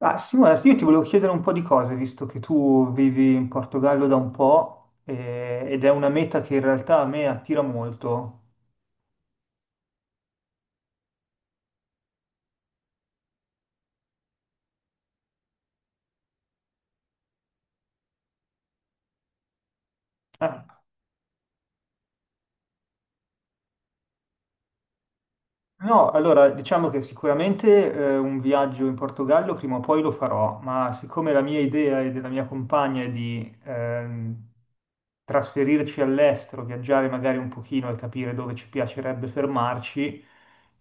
Ah, Simona, io ti volevo chiedere un po' di cose, visto che tu vivi in Portogallo da un po', ed è una meta che in realtà a me attira molto. Eh, No, allora diciamo che sicuramente un viaggio in Portogallo prima o poi lo farò, ma siccome la mia idea e della mia compagna è di trasferirci all'estero, viaggiare magari un pochino e capire dove ci piacerebbe fermarci,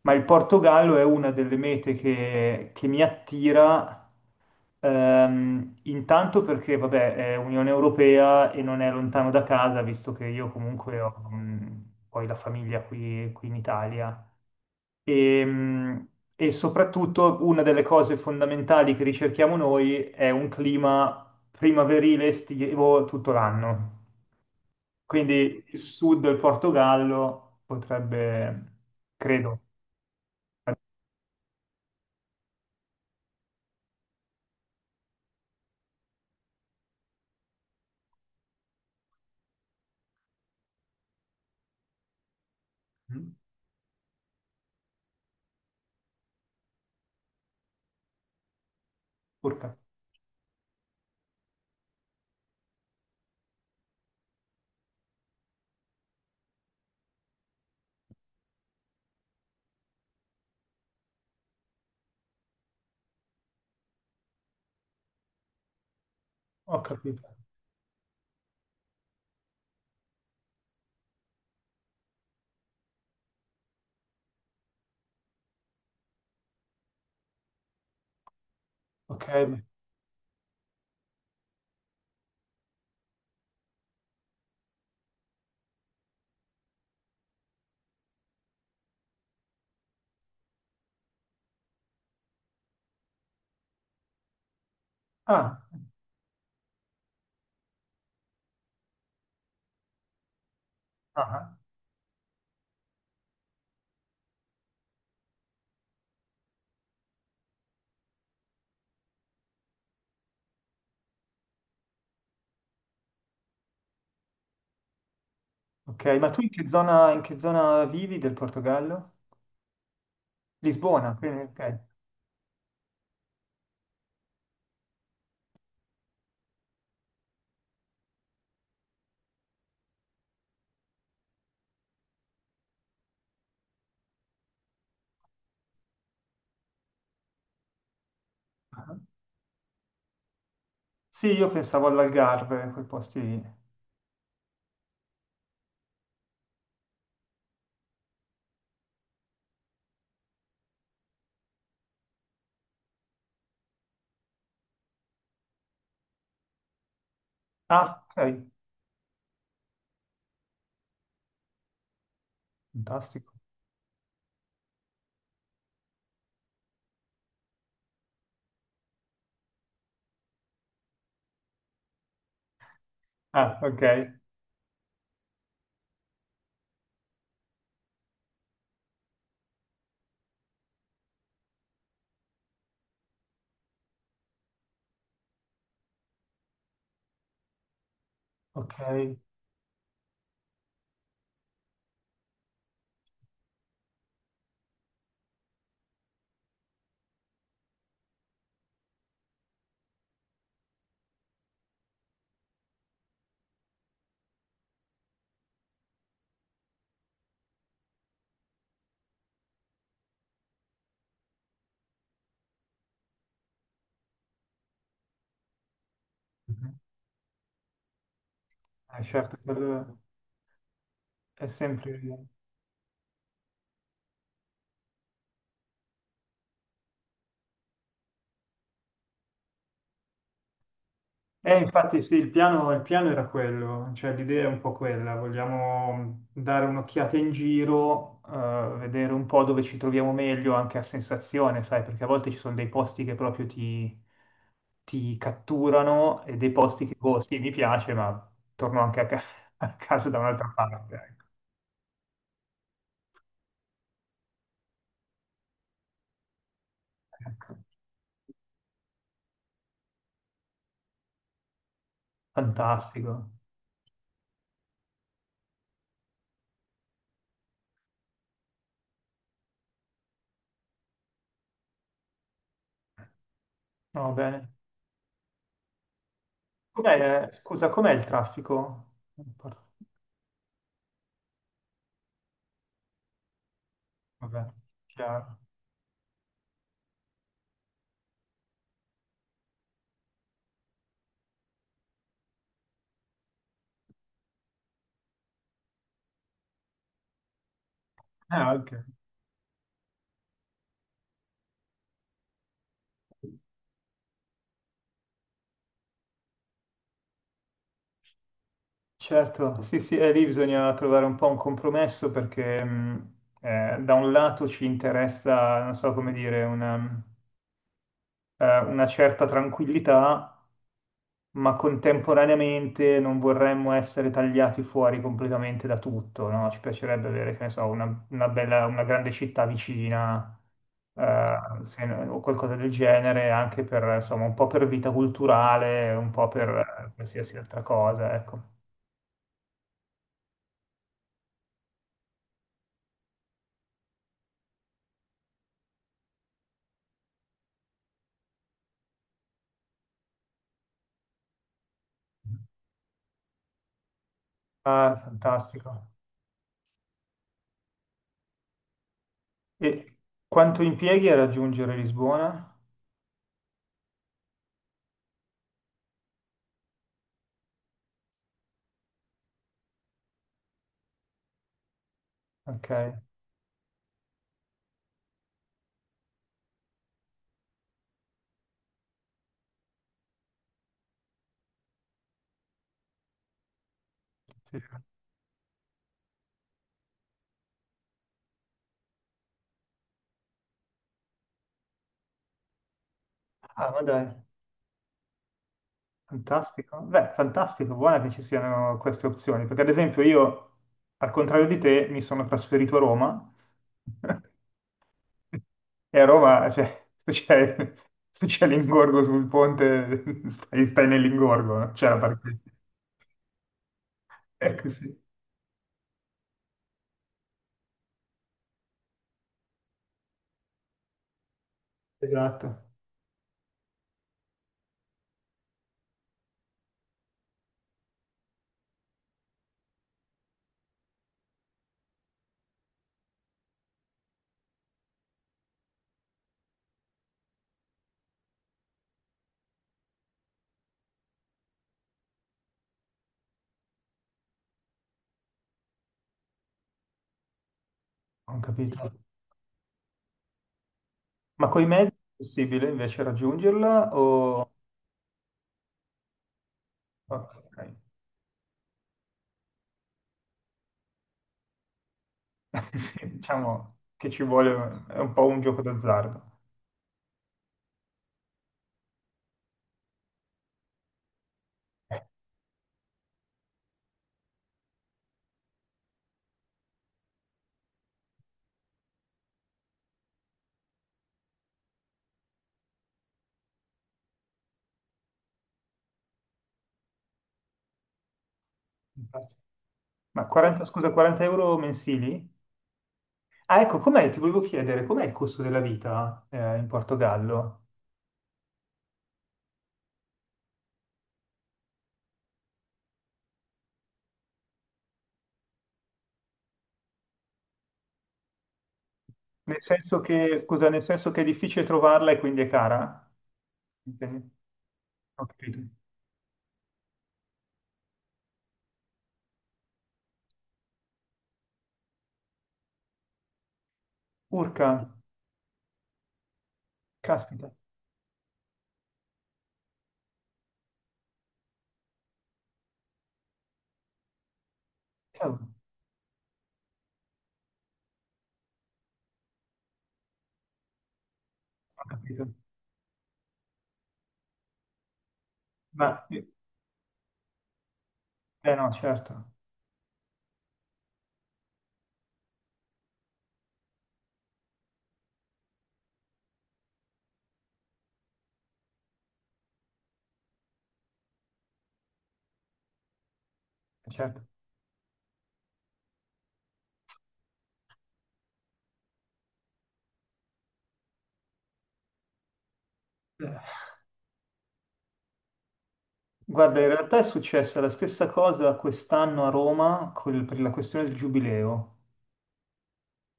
ma il Portogallo è una delle mete che mi attira, intanto perché vabbè è Unione Europea e non è lontano da casa, visto che io comunque ho mm, poi la famiglia qui in Italia. E, mh, e soprattutto una delle cose fondamentali che ricerchiamo noi è un clima primaverile estivo tutto l'anno. Quindi il sud del Portogallo potrebbe, credo. Mm? Urca. Ho capito. Ok. Ah. Ah. Ok, ma tu in che zona vivi del Portogallo? Lisbona, quindi, ok. Ah. Sì, io pensavo all'Algarve, quei posti lì. Ah, ok, fantastico. Ah, ok. Ok, mhm. Certo, quello è sempre... infatti sì, il piano era quello, cioè l'idea è un po' quella, vogliamo dare un'occhiata in giro, vedere un po' dove ci troviamo meglio anche a sensazione, sai, perché a volte ci sono dei posti che proprio ti, ti catturano e dei posti che, boh, sì, mi piace, ma torno anche a, a casa da un'altra parte, ecco. Fantastico, va bene. Com'è, scusa, com'è il traffico? Vabbè, chiaro. Anche. Certo, sì, sì, e lì bisogna trovare un po' un compromesso perché da un lato ci interessa, non so come dire, una certa tranquillità, ma contemporaneamente non vorremmo essere tagliati fuori completamente da tutto, no? Ci piacerebbe avere, che ne so, una bella, una grande città vicina, eh, no, o qualcosa del genere, anche per, insomma, un po' per vita culturale, un po' per qualsiasi altra cosa, ecco. Ah, fantastico. E quanto impieghi a raggiungere Lisbona? Ok. Sì. Ah, ma dai, fantastico. Beh, fantastico, buona che ci siano queste opzioni, perché ad esempio io, al contrario di te, mi sono trasferito a Roma e a Roma, cioè, se c'è se c'è l'ingorgo sul ponte, stai, stai nell'ingorgo, non c'è la parcheggia. Ecco sì, esatto, ho capito. Ma coi mezzi è possibile invece raggiungerla o... Ok. Sì, diciamo che ci vuole, è un po' un gioco d'azzardo. Eh, fantastico. Ma 40, scusa, 40 euro mensili? Ah, ecco, com'è? Ti volevo chiedere, com'è il costo della vita in Portogallo? Nel senso che, scusa, nel senso che è difficile trovarla e quindi è cara? Intendi? Ho capito. Urca, caspita, cavolo, ho capito. Ma, eh no, certo, certo. Eh. Guarda, in realtà è successa la stessa cosa quest'anno a Roma per la questione del giubileo.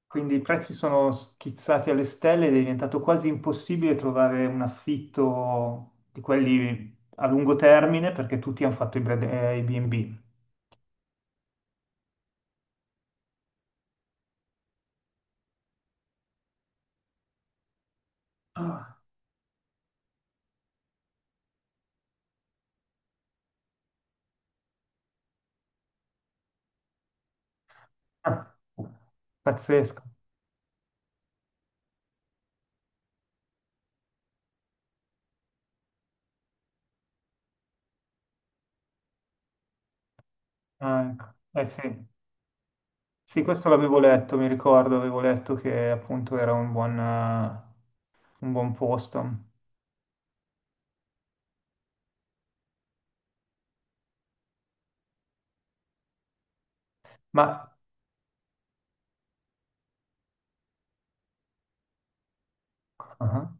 Quindi i prezzi sono schizzati alle stelle ed è diventato quasi impossibile trovare un affitto di quelli a lungo termine perché tutti hanno fatto i i B&B. Ah, ah, pazzesco. Ah, ecco. Eh sì. Sì, questo l'avevo letto, mi ricordo, avevo letto che appunto era un buon posto. Ma ah,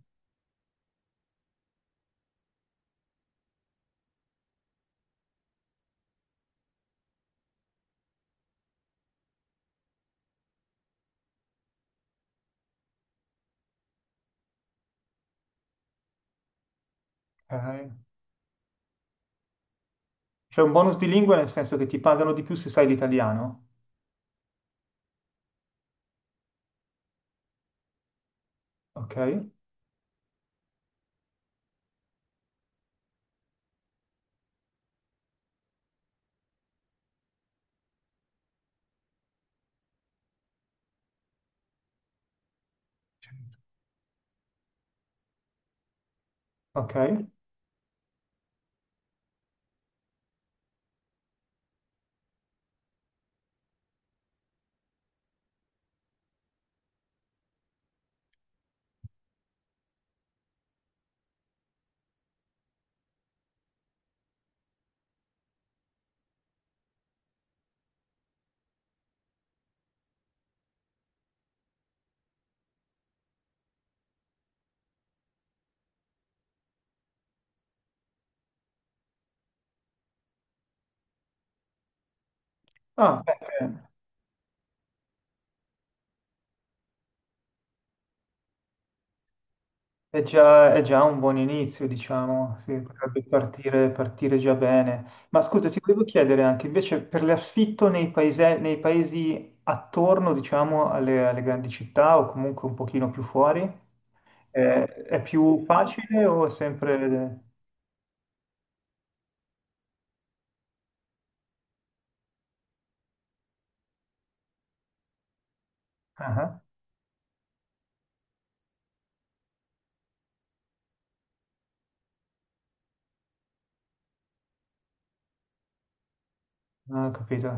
ok. C'è un bonus di lingua nel senso che ti pagano di più se sai l'italiano? Ok, ok. Ah, beh, è già, è già un buon inizio, diciamo, sì, potrebbe partire, partire già bene. Ma scusa, ti volevo chiedere anche invece per l'affitto nei paesi attorno, diciamo, alle, alle grandi città o comunque un pochino più fuori, è più facile o è sempre... Ah, ah, ah, capito,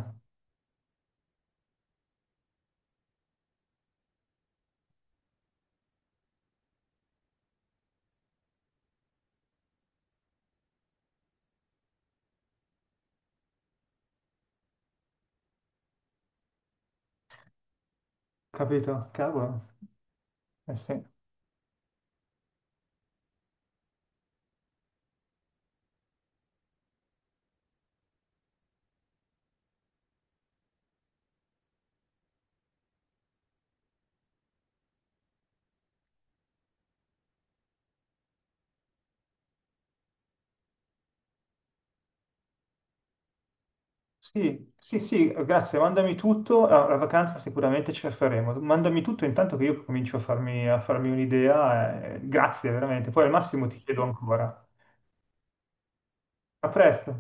capito, cavolo, eh sì. Sì, sì, sì, grazie, mandami tutto, la, la vacanza sicuramente ce la faremo, mandami tutto intanto che io comincio a farmi un'idea, grazie veramente, poi al massimo ti chiedo ancora. A presto.